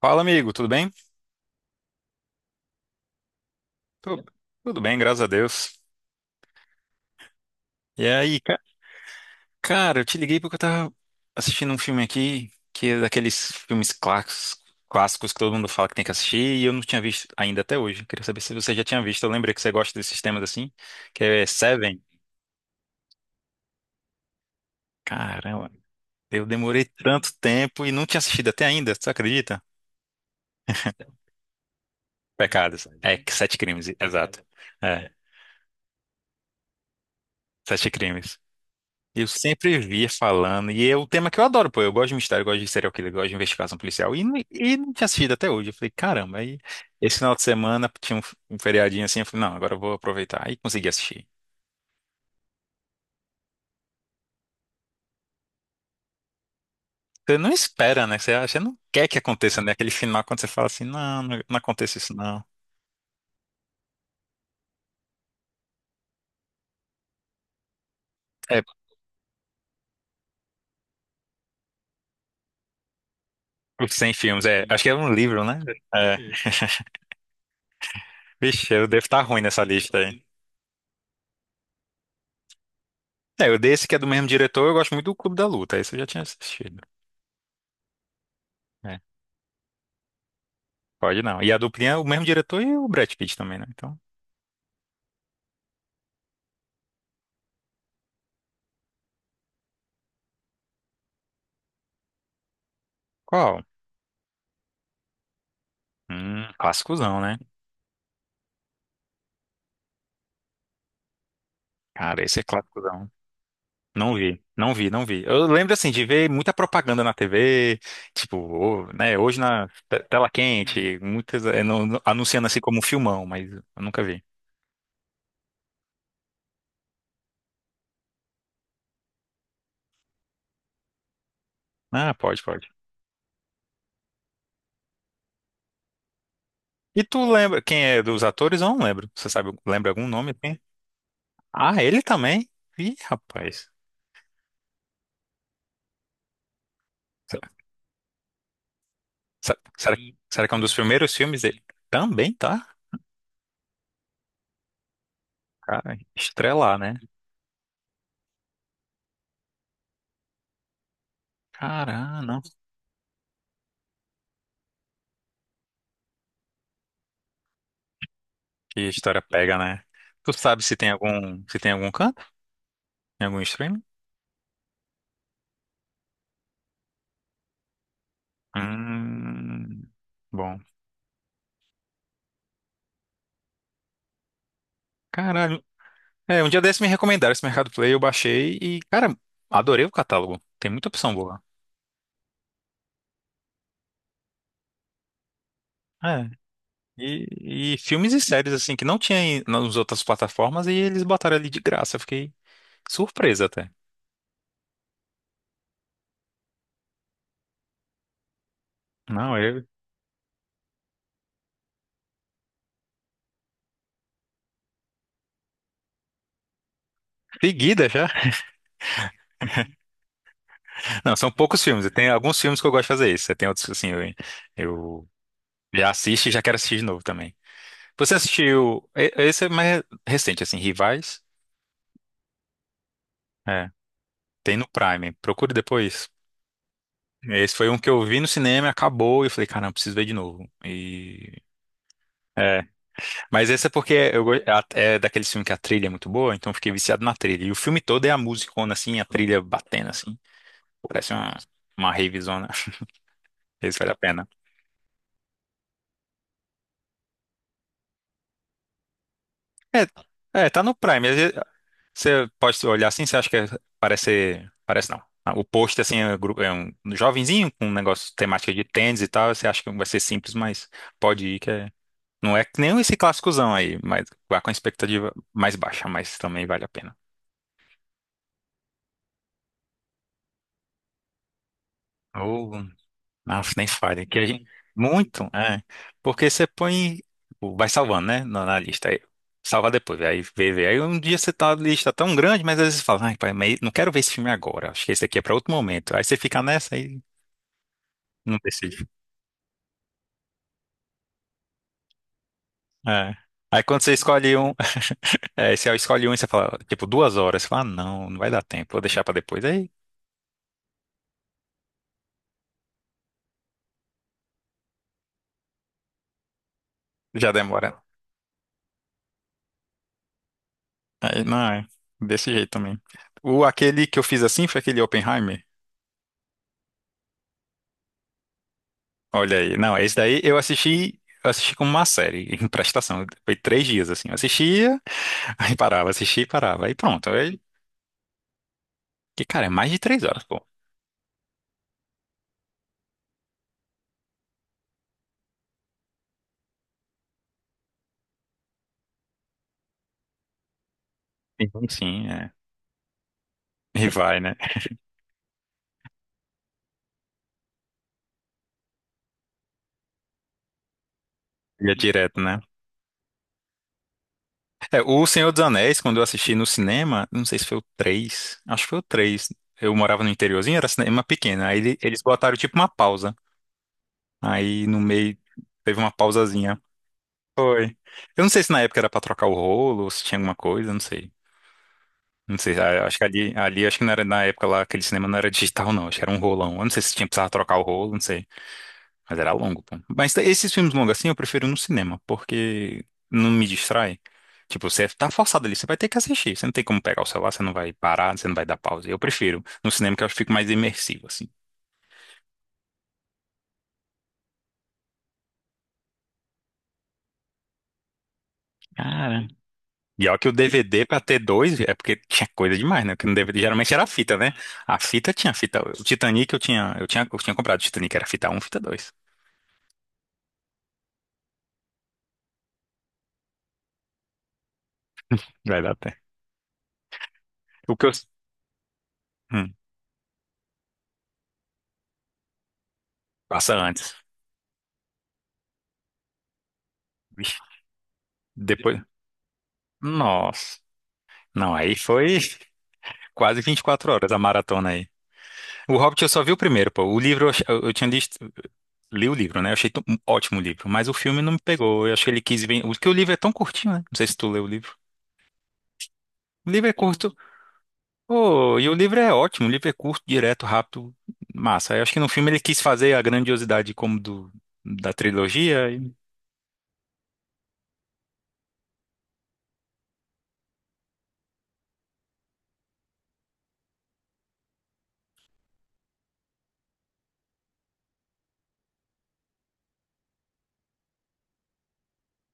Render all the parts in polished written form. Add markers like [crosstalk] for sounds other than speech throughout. Fala, amigo, tudo bem? Tu- Tudo bem, graças a Deus. E aí, cara, eu te liguei porque eu tava assistindo um filme aqui, que é daqueles filmes clássicos, clássicos que todo mundo fala que tem que assistir, e eu não tinha visto ainda até hoje. Queria saber se você já tinha visto. Eu lembrei que você gosta desses temas assim, que é Seven. Caramba, eu demorei tanto tempo e não tinha assistido até ainda, você acredita? Pecados. É, que Sete Crimes, exato. É, Sete Crimes. Eu sempre via falando, e é o tema que eu adoro, pô. Eu gosto de mistério, eu gosto de serial killer, eu gosto de investigação policial, e, e não tinha assistido até hoje. Eu falei, caramba, aí esse final de semana tinha um, um feriadinho assim, eu falei, não, agora eu vou aproveitar. Aí consegui assistir. Você não espera, né? Você, você não quer que aconteça, né? Aquele final quando você fala assim, não, não, não aconteça isso, não. É, por 100 filmes, é. Acho que é um livro, né? É. Vixe, eu devo estar ruim nessa lista aí. É, eu dei esse que é do mesmo diretor, eu gosto muito do Clube da Luta, esse eu já tinha assistido. É. Pode não. E a duplinha é o mesmo diretor e o Brad Pitt também, né? Então, qual? Clássicozão, né? Cara, esse é clássicozão. Não vi, não vi, não vi. Eu lembro, assim, de ver muita propaganda na TV, tipo, ô, né, hoje na tela quente, muitas, é, anunciando assim como um filmão, mas eu nunca vi. Ah, pode, pode. E tu lembra quem é dos atores? Eu não lembro. Você sabe, lembra algum nome? Assim? Ah, ele também? Ih, rapaz. Se- Será, será que é um dos primeiros filmes dele? Também, tá? Cara, estrelar, né? Caramba, que história pega, né? Tu sabe se tem algum, se tem algum canto? Tem algum streaming? Hum, bom. Caralho. É, um dia desse me recomendaram esse Mercado Play, eu baixei e, cara, adorei o catálogo. Tem muita opção boa. É. E, e filmes e séries, assim, que não tinha nas outras plataformas e eles botaram ali de graça. Eu fiquei surpresa até. Não, eu. Seguida já. Não, são poucos filmes. Tem alguns filmes que eu gosto de fazer isso. Tem outros, que, assim, eu, eu já assisto e já quero assistir de novo também. Você assistiu. Esse é mais recente, assim, Rivais? É. Tem no Prime. Procure depois. Esse foi um que eu vi no cinema, acabou, e eu falei, caramba, preciso ver de novo. E. É. Mas esse é porque eu, é daquele filme que a trilha é muito boa, então eu fiquei viciado na trilha. E o filme todo é a musicona, assim, a trilha batendo, assim. Parece uma ravezona. [laughs] Esse vale a pena. É, é, tá no Prime. Você pode olhar assim, você acha que parece. Parece não. Ah, o post assim, é é um jovenzinho com um negócio temática de tênis e tal. Você acha que vai ser simples, mas pode ir que é. Não é que nem esse clássicozão aí, mas vá com a expectativa mais baixa, mas também vale a pena. Ou, nossa, nem falha. Que a gente... Muito, é. Porque você põe. Tipo, vai salvando, né? Na lista. Aí, salva depois. Aí vê, vê. Aí um dia você tá na lista tá tão grande, mas às vezes você fala, ai, pai, mas não quero ver esse filme agora. Acho que esse aqui é pra outro momento. Aí você fica nessa aí. Não decide. É. Aí quando você escolhe um, [laughs] é, você escolhe um e você fala, tipo, 2 horas. Você fala, ah, não, não vai dar tempo, vou deixar pra depois. Aí já demora. Aí, não, é desse jeito também. O, aquele que eu fiz assim foi aquele Oppenheimer. Olha aí. Não, esse daí eu assisti como uma série, em prestação. Foi 3 dias, assim. Eu assistia, [laughs] aí parava, assistia e parava. Aí pronto. Aí, que, cara, é mais de 3 horas, pô. Sim, sim, é. E vai, né? Ia direto, né? É, o Senhor dos Anéis, quando eu assisti no cinema, não sei se foi o 3, acho que foi o 3. Eu morava no interiorzinho, era cinema pequeno. Aí eles botaram tipo uma pausa. Aí no meio teve uma pausazinha. Foi. Eu não sei se na época era pra trocar o rolo ou se tinha alguma coisa, não sei. Não sei, acho que ali, acho que não era na época lá, aquele cinema não era digital não, acho que era um rolão. Eu não sei se tinha precisava trocar o rolo, não sei. Mas era longo, pô. Mas esses filmes longos assim eu prefiro no cinema, porque não me distrai. Tipo, você tá forçado ali, você vai ter que assistir. Você não tem como pegar o celular, você não vai parar, você não vai dar pausa. Eu prefiro no cinema que eu fico mais imersivo, assim. Cara, e ó que o DVD pra ter dois é porque tinha coisa demais, né? Porque no DVD geralmente era a fita, né? A fita tinha fita. O Titanic eu tinha, eu tinha comprado o Titanic, era fita um, fita dois. Vai dar até. O que eu. Hum, passa antes. Vixe, depois. Nossa. Não, aí foi. Quase 24 horas a maratona aí. O Hobbit eu só vi o primeiro, pô. O livro eu, eu tinha visto. Li o livro, né? Eu achei um ótimo livro, mas o filme não me pegou. Eu acho que ele quis bem. Porque o livro é tão curtinho, né? Não sei se tu leu o livro. O livro é curto. Pô, e o livro é ótimo. O livro é curto, direto, rápido, massa. Eu acho que no filme ele quis fazer a grandiosidade como do da trilogia e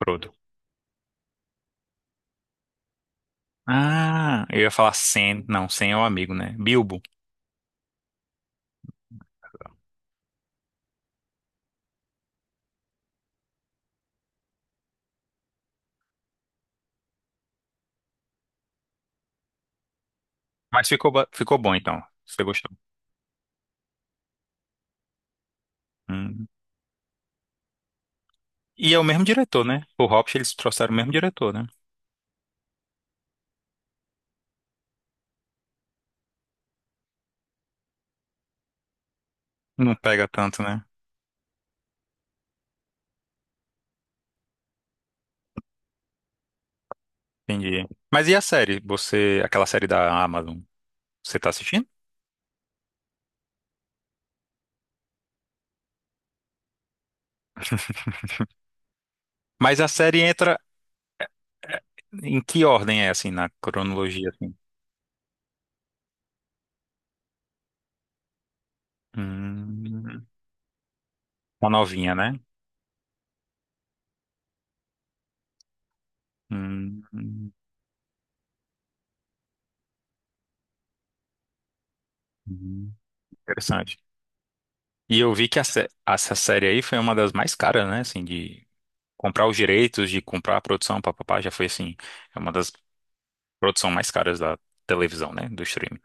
Frodo. Ah, eu ia falar Sam. Não, Sam é o amigo, né? Bilbo. Mas ficou, ficou bom então. Você gostou? Hum. E é o mesmo diretor, né? O Hobbit, eles trouxeram o mesmo diretor, né? Não pega tanto, né? Entendi. Mas e a série? Você, aquela série da Amazon, você tá assistindo? [laughs] Mas a série entra eh, em que ordem é assim na cronologia assim? Hum, uma novinha, né? Hum, hum, interessante. E eu vi que a essa série aí foi uma das mais caras, né? Assim, de comprar os direitos, de comprar a produção, papapá, já foi assim, é uma das produções mais caras da televisão, né? Do streaming.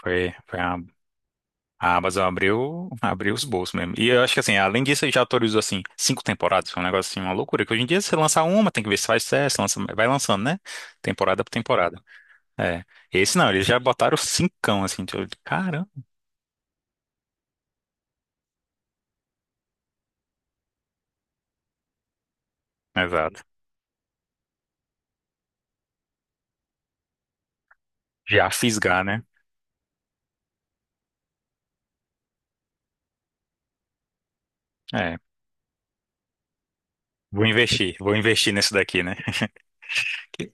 Foi, a, Amazon abriu, abriu os bolsos mesmo. E eu acho que assim, além disso, ele já autorizou assim 5 temporadas, foi um negócio assim, uma loucura. Que hoje em dia você lança uma, tem que ver se faz sucesso, lança, vai lançando, né? Temporada por temporada. É. Esse não, eles já botaram cincão assim, tipo, caramba. Exato. Já fisgar, né? É. Vou investir nesse daqui, né? [laughs] Que,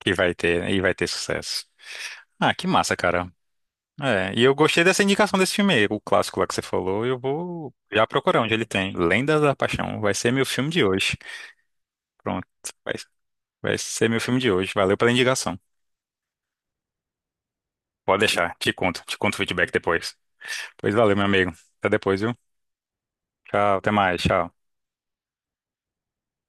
que vai ter, e vai ter sucesso. Ah, que massa, cara. É, e eu gostei dessa indicação desse filme aí, o clássico lá que você falou. Eu vou já procurar onde ele tem. Lendas da Paixão. Vai ser meu filme de hoje. Pronto. Vai, vai ser meu filme de hoje. Valeu pela indicação. Pode deixar. Te conto. Te conto o feedback depois. Pois valeu, meu amigo. Até depois, viu? Tchau. Até mais. Tchau.